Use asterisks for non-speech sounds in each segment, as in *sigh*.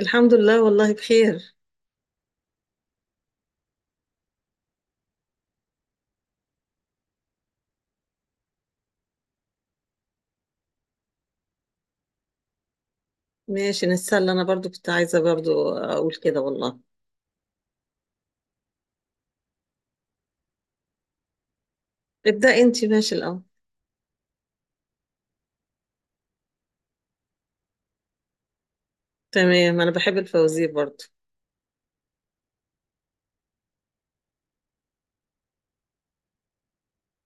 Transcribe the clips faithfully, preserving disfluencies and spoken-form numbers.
الحمد لله، والله بخير. ماشي نتسلى، انا برضو كنت عايزة برضو اقول كده والله. ابدأ انتي ماشي الاول. تمام، انا بحب الفوازير برضو.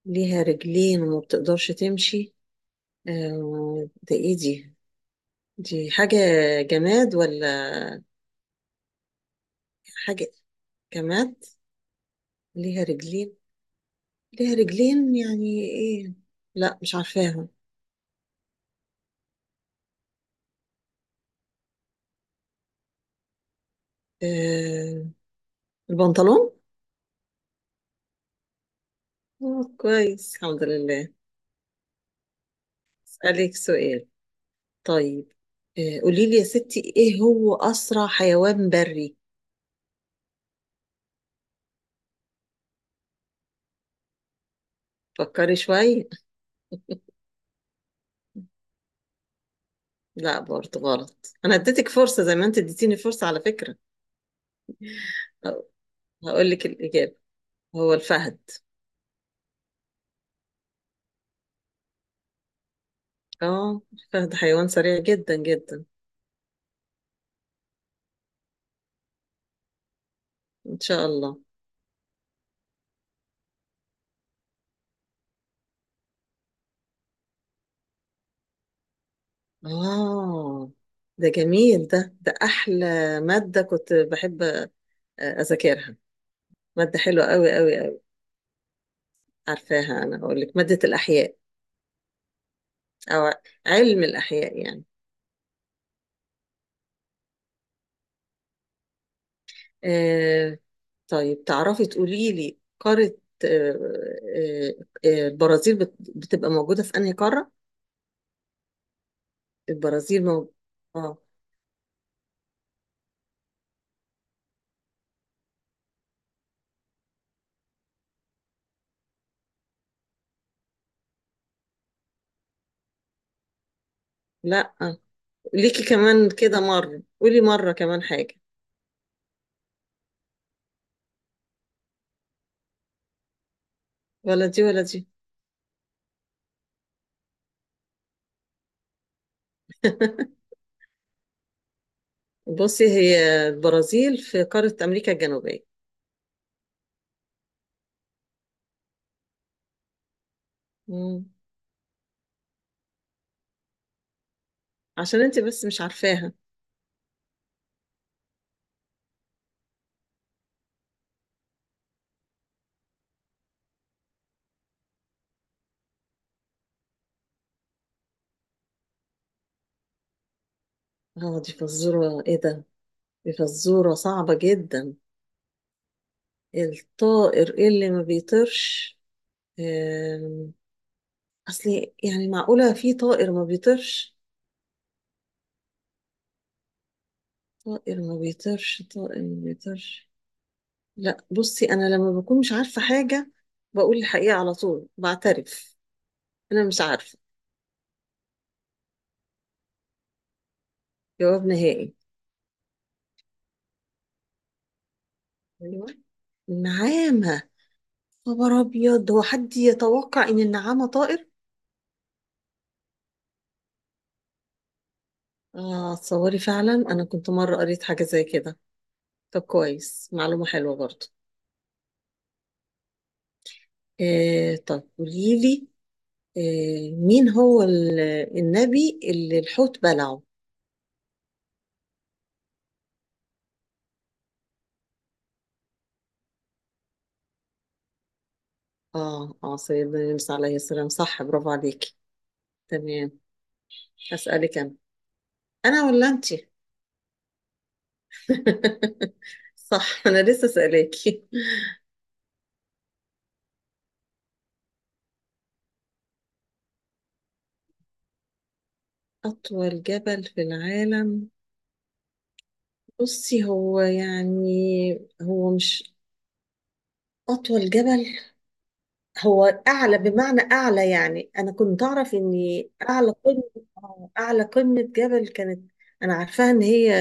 ليها رجلين وما بتقدرش تمشي؟ آه، ده ايه دي؟ دي حاجة جماد ولا حاجة؟ جماد. ليها رجلين، ليها رجلين يعني ايه؟ لا مش عارفاها. آه، البنطلون. آه كويس، الحمد لله. اسألك سؤال؟ طيب، آه، قولي لي يا ستي، ايه هو اسرع حيوان بري؟ فكري شوية. لا برضه غلط، انا اديتك فرصة زي ما انت اديتيني فرصة على فكرة. هقول لك الاجابة، هو الفهد. اه الفهد حيوان سريع جدا جدا. ان شاء الله. اه ده جميل، ده ده احلى مادة كنت بحب أ- اذاكرها، مادة حلوة قوي قوي قوي. عارفاها، انا هقول لك، مادة الاحياء. او علم الاحياء يعني. آه، طيب تعرفي تقولي لي قارة، آه، آه، آه، البرازيل بت- بتبقى موجودة في أنهي قارة؟ البرازيل موجودة اه. لا آه، ليكي كمان كده مرة، قولي مرة كمان حاجة. ولا دي ولا دي. *laughs* بصي، هي البرازيل في قارة أمريكا الجنوبية. مم. عشان انت بس مش عارفاها. اه دي فزورة، ايه ده؟ دي فزورة صعبة جدا. الطائر اللي ما بيطيرش؟ آم، اصل يعني معقولة في طائر ما بيطيرش؟ طائر ما بيطيرش، طائر ما بيطيرش. لا بصي، انا لما بكون مش عارفه حاجه بقول الحقيقه على طول بعترف. انا مش عارفه. جواب نهائي. ايوه النعامه. خبر ابيض، هو حد يتوقع ان النعامه طائر؟ اه تصوري، فعلا انا كنت مره قريت حاجه زي كده. طب كويس، معلومه حلوه برضه. آه طب قولي لي، آه مين هو ال- النبي اللي الحوت بلعه؟ اه اه سيدنا يونس عليه السلام، صح، برافو عليكي. تمام. هسألك أنا. أنا ولا أنتي؟ *laughs* صح، أنا لسه سألاكي. أطول جبل في العالم، بصي هو يعني، هو مش أطول جبل، هو أعلى، بمعنى أعلى يعني، أنا كنت أعرف إن أعلى قمة، آه، أعلى قمة جبل كانت، أنا عارفاها إن هي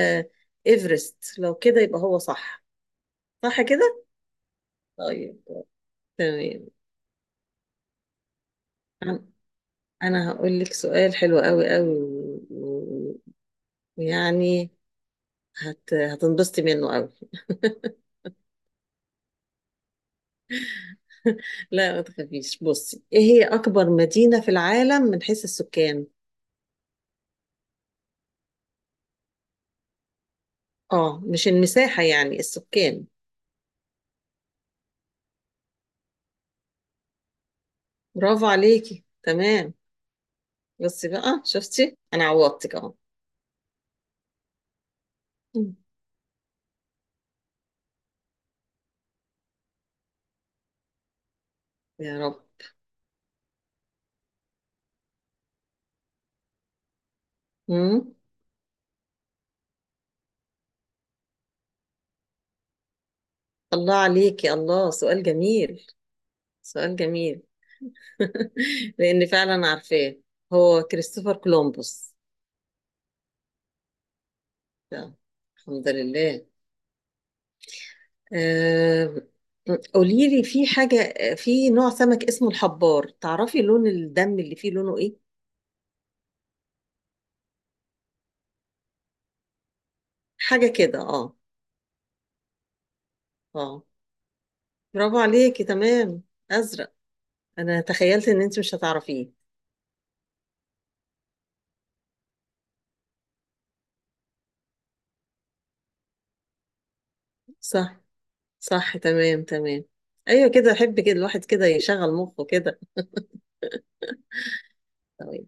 إيفرست، لو كده يبقى هو صح. صح كده؟ طيب، تمام. أنا، أنا هقول لك سؤال حلو قوي قوي و- و- ويعني هت... هتنبسطي منه قوي. *laughs* لا ما تخافيش، بصي ايه هي اكبر مدينة في العالم من حيث السكان؟ اه مش المساحة، يعني السكان. برافو عليكي، تمام. بصي بقى شفتي، انا عوضتك اهو. مم. يا رب. مم. الله عليكي، الله سؤال جميل، سؤال جميل. *laughs* لان فعلا عارفاه، هو كريستوفر كولومبوس. ده. الحمد لله. آه، قولي لي، في حاجة في نوع سمك اسمه الحبار، تعرفي لون الدم اللي فيه لونه ايه؟ حاجة كده اه. اه برافو عليكي، تمام، أزرق. أنا تخيلت إن أنت مش هتعرفيه. صح، صح تمام تمام. أيوة كده، أحب كده الواحد كده يشغل مخه كده. تمام.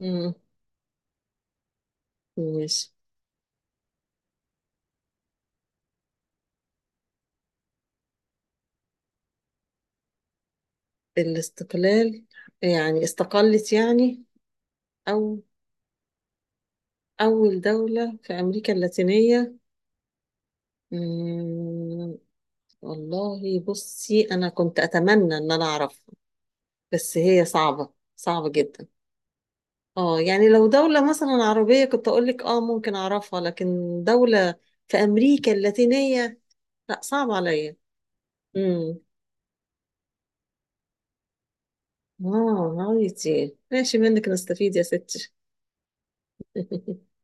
مم، ماشي. الاستقلال، يعني استقلت يعني. أو أول دولة في أمريكا اللاتينية. مم، والله بصي انا كنت اتمنى ان انا اعرفها بس هي صعبة صعبة جدا. اه يعني لو دولة مثلا عربية كنت اقول لك اه ممكن اعرفها، لكن دولة في امريكا اللاتينية لا صعب عليا. امم، اه هايتي، ماشي منك نستفيد يا ستي. *laughs*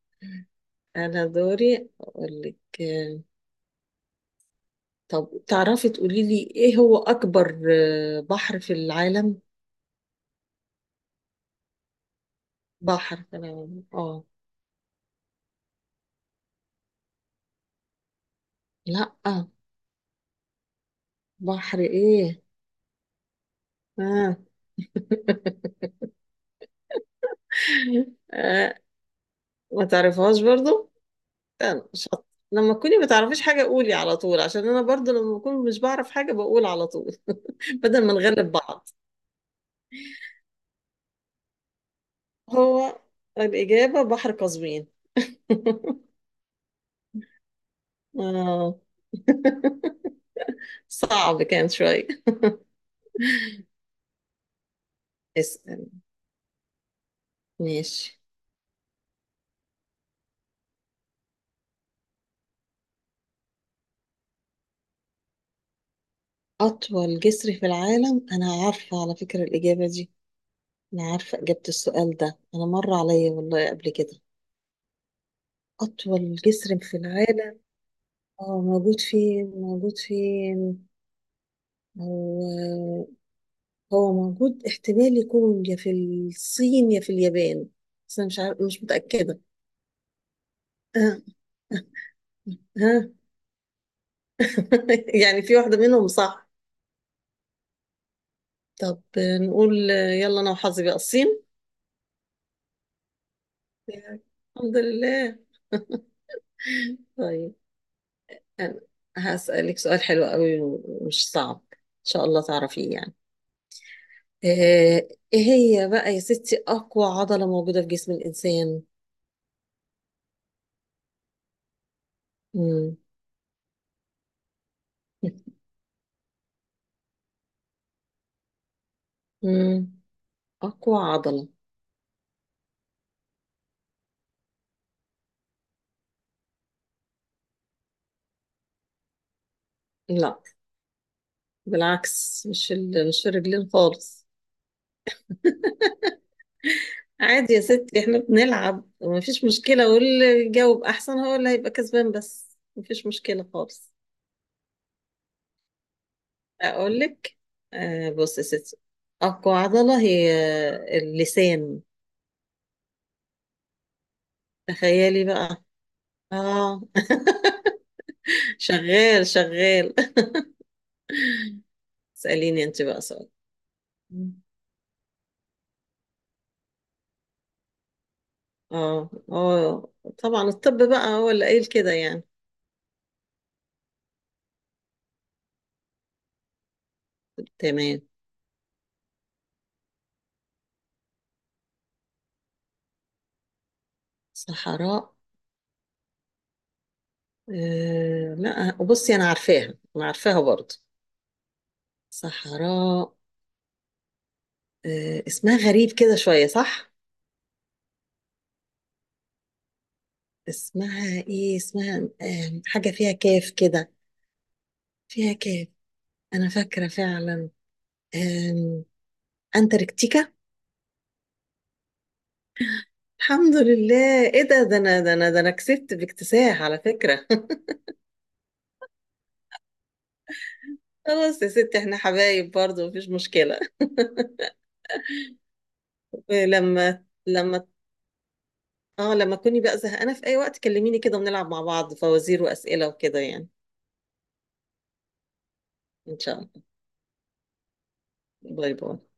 انا دوري اقول لك، آه، طب تعرفي تقولي لي، ايه هو اكبر آه، بحر في العالم؟ بحر في العالم اه. لا. بحر ايه؟ آه. آه، ما تعرفهاش برضو؟ استنى، شط، لما تكوني ما تعرفيش حاجة قولي على طول، عشان انا برضو لما بكون مش بعرف حاجة بقول على طول. *laughs* بدل ما نغلب بعض. هو الإجابة بحر قزوين. *laughs* آه. *laughs* صعب كان شوية. اسأل، ماشي. أطول جسر في العالم، أنا عارفة على فكرة الإجابة دي، أنا عارفة إجابة السؤال ده، أنا مر عليا والله قبل كده. أطول جسر في العالم، اه موجود فين، موجود فين. هو، هو موجود، احتمال يكون يا في الصين يا في اليابان، بس انا مش عارف مش متأكدة. آه، ها. *laughs* يعني في واحدة منهم صح. طب نقول يلا انا وحظي بقى الصين. الحمد لله. طيب، أنا هسألك سؤال حلو قوي ومش صعب إن شاء الله تعرفيه يعني. آه، إيه هي بقى يا ستي أقوى عضلة موجودة في جسم الإنسان؟ مم. *laughs* مم. أقوى عضلة. لا، بالعكس، مش ال... مش الرجلين خالص. عادي يا ستي، احنا بنلعب ومفيش مشكلة، واللي يجاوب أحسن هو اللي هيبقى كسبان، بس مفيش مشكلة خالص. أقول لك. آه بص يا ستي، أقوى عضلة هي، آه، اللسان. تخيلي بقى. اه *laughs* شغال شغال. اسأليني انت بقى سؤال. اه اه، طبعا الطب بقى هو اللي قايل كده يعني. تمام. صحراء. آه لا بصي انا عارفاها، انا عارفاها برضه. صحراء آه اسمها غريب كده شوية صح. اسمها ايه، اسمها، آه حاجة فيها كاف كده. فيها كاف، انا فاكرة فعلا. آه، انتاركتيكا. الحمد لله، ايه ده، ده انا ده انا ده انا كسبت باكتساح على فكرة. *laughs* خلاص يا ستي احنا حبايب برضه، مفيش مشكلة. آه، لما لما، اه لما تكوني بقى زهقانة في اي وقت كلميني كده ونلعب مع بعض فوازير واسئلة وكده يعني. ان شاء الله. شكرا للمشاهدة.